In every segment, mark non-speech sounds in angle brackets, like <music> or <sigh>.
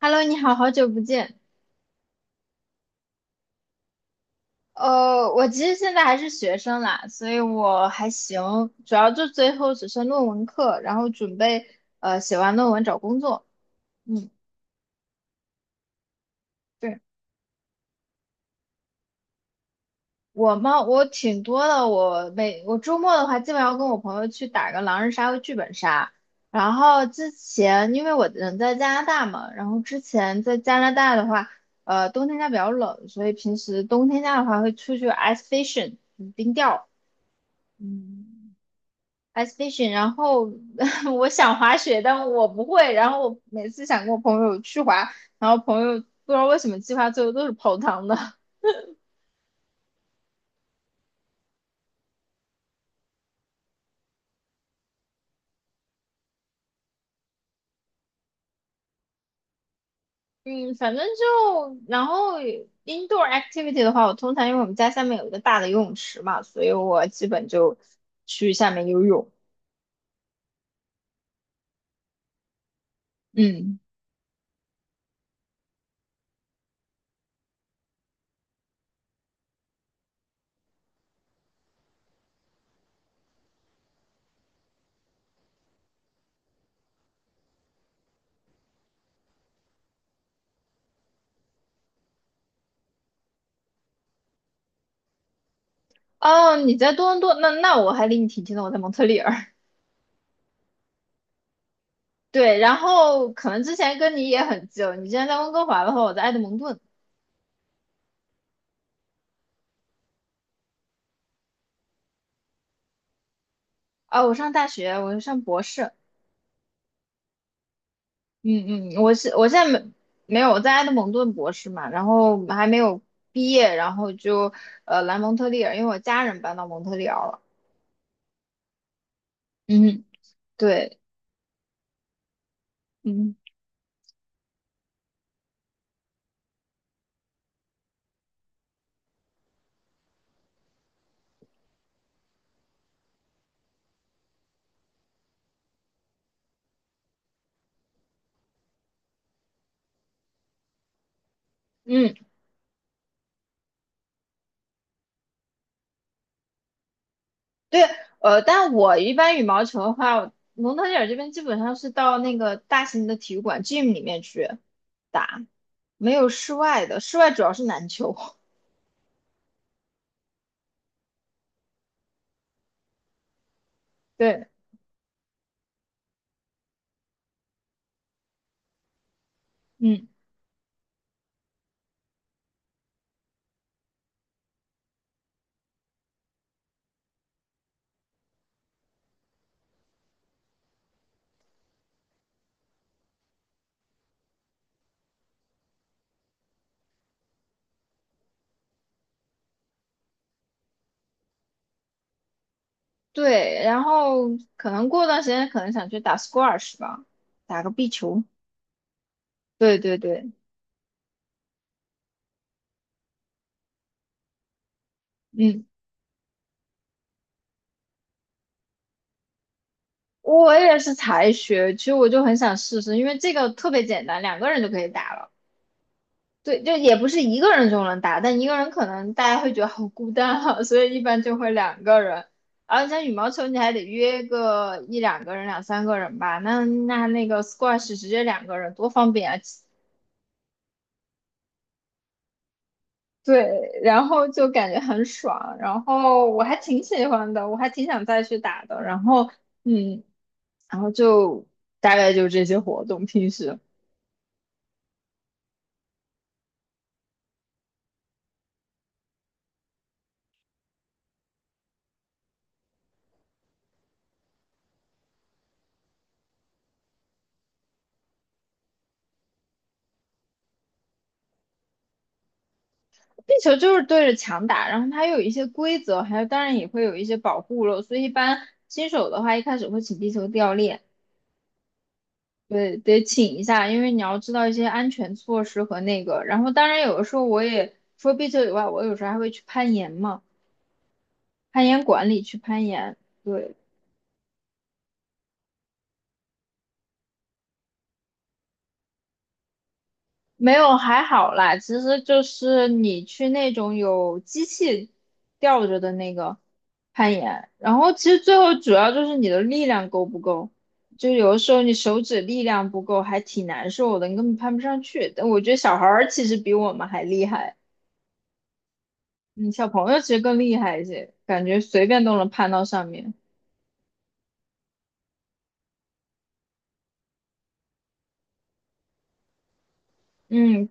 Hello，你好，好久不见。我其实现在还是学生啦，所以我还行，主要就最后只剩论文课，然后准备写完论文找工作。嗯，对，我嘛，我挺多的，我周末的话，基本上跟我朋友去打个狼人杀和剧本杀。然后之前因为我人在加拿大嘛，然后之前在加拿大的话，冬天家比较冷，所以平时冬天家的话会出去 ice fishing 冰钓。嗯。ice f i s h i n 然后 <laughs> 我想滑雪，但我不会。然后我每次想跟我朋友去滑，然后朋友不知道为什么计划最后都是泡汤的。<laughs> 嗯，反正就然后 indoor activity 的话，我通常因为我们家下面有一个大的游泳池嘛，所以我基本就去下面游泳。嗯，哦，你在多伦多，那我还离你挺近的，我在蒙特利尔。<laughs> 对，然后可能之前跟你也很近，你之前在温哥华的话，我在埃德蒙顿。啊、我上大学，我上博士，嗯嗯，我现在没有。我在埃德蒙顿博士嘛，然后还没有毕业，然后就来蒙特利尔，因为我家人搬到蒙特利尔了。嗯，对，嗯嗯，对，但我一般羽毛球的话，我蒙特利尔这边基本上是到那个大型的体育馆 gym 里面去打，没有室外的，室外主要是篮球。<laughs> 对，嗯，对，然后可能过段时间可能想去打 squash 吧，打个壁球。对对对。嗯。我也是才学，其实我就很想试试，因为这个特别简单，两个人就可以打了。对，就也不是一个人就能打，但一个人可能大家会觉得好孤单啊，<laughs> 所以一般就会两个人。而且像羽毛球，你还得约个一两个人、两三个人吧。那个 squash 直接两个人多方便啊！对，然后就感觉很爽，然后我还挺喜欢的，我还挺想再去打的。嗯，然后就大概就这些活动，平时。地球就是对着墙打，然后它有一些规则，还有当然也会有一些保护了，所以一般新手的话，一开始会请地球掉链，对，得请一下，因为你要知道一些安全措施和那个。然后当然有的时候我也除了壁球以外，我有时候还会去攀岩嘛，攀岩馆里去攀岩，对，没有，还好啦，其实就是你去那种有机器吊着的那个。攀岩，然后其实最后主要就是你的力量够不够，就有的时候你手指力量不够，还挺难受的，你根本攀不上去。但我觉得小孩儿其实比我们还厉害，嗯，小朋友其实更厉害一些，感觉随便都能攀到上面。嗯，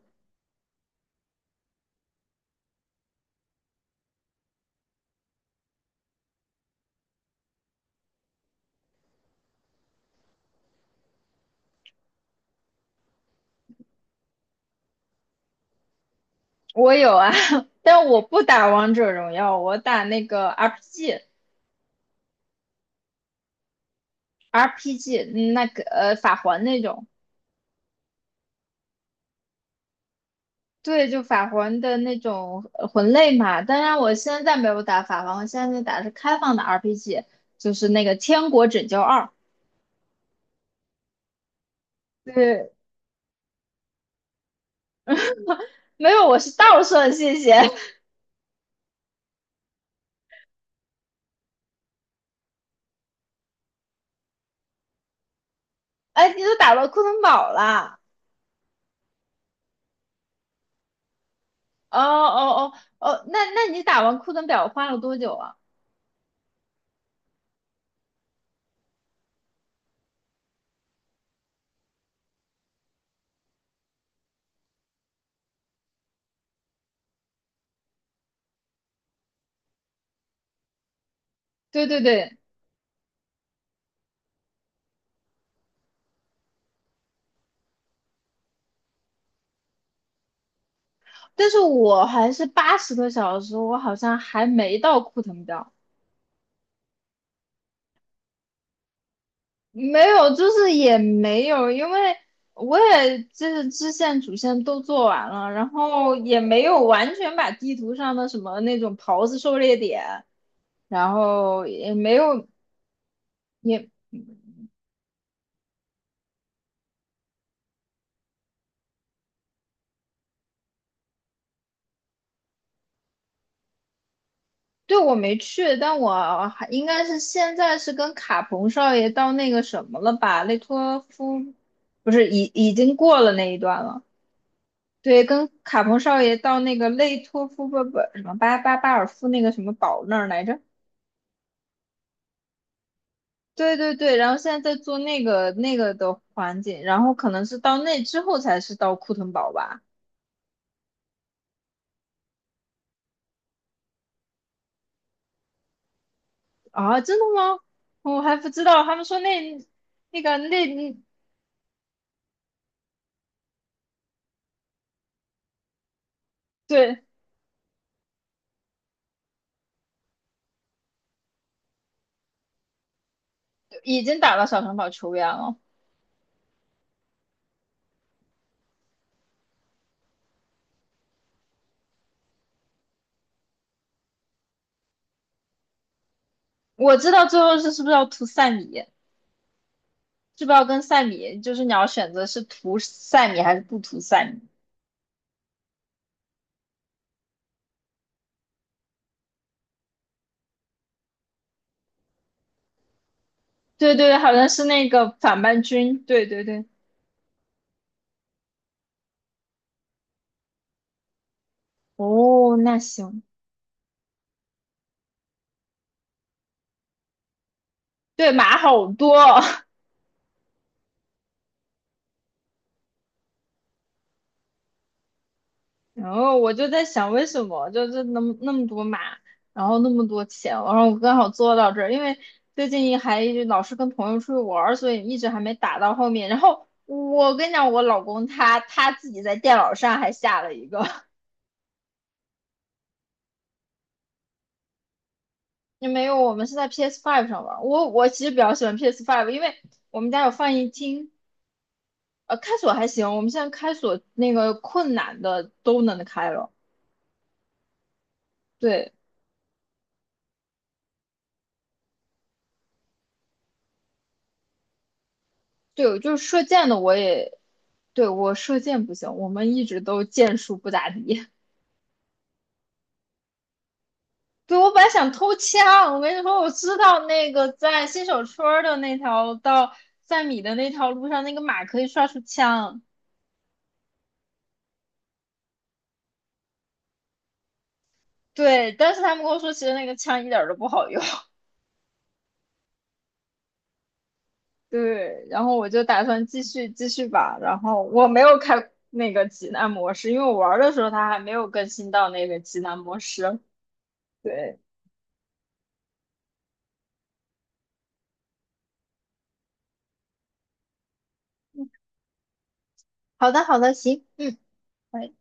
我有啊，<laughs> 但我不打王者荣耀，我打那个 RPG，RPG，那个法环那种。对，就法环的那种魂类嘛。当然，我现在没有打法环，我现在打的是开放的 RPG,就是那个《天国拯救二》。对，没有，我是倒顺，谢谢。<laughs> 哎，你都打到库腾堡了？哦哦哦，哦，那你打完库腾堡花了多久啊？对对对，但是我还是80个小时，我好像还没到库腾堡。没有，就是也没有，因为我也就是支线主线都做完了，然后也没有完全把地图上的什么那种袍子狩猎点，然后也没有也对，我没去，但我还应该是现在是跟卡彭少爷到那个什么了吧，雷托夫不是已经过了那一段了。对，跟卡彭少爷到那个雷托夫不不什么巴尔夫那个什么堡那儿来着？对对对，然后现在在做那个的环境，然后可能是到那之后才是到库腾堡吧？啊，真的吗？我还不知道，他们说那那个那对，已经打到小城堡球员了。我知道最后是不是要涂塞米，是不是要跟塞米，就是你要选择是涂塞米还是不涂塞米？对对，好像是那个反叛军，对对对。哦，那行，对马好多。然后我就在想，为什么就是那么多码，然后那么多钱，然后我刚好做到这儿，因为最近还一直老是跟朋友出去玩儿，所以一直还没打到后面。然后我跟你讲，我老公他自己在电脑上还下了一个，<laughs> 也没有，我们是在 p s Five 上玩儿。我其实比较喜欢 p s Five,因为我们家有放映厅，开锁还行，我们现在开锁那个困难的都能开了，对。对，就是射箭的我也，对，我射箭不行，我们一直都箭术不咋地。<laughs> 对，我本来想偷枪，我跟你说，我知道那个在新手村儿的那条到三米的那条路上，那个马可以刷出枪。对，但是他们跟我说，其实那个枪一点儿都不好用。<laughs> 对，然后我就打算继续继续吧。然后我没有开那个极难模式，因为我玩儿的时候它还没有更新到那个极难模式。对，好的好的，行，嗯。拜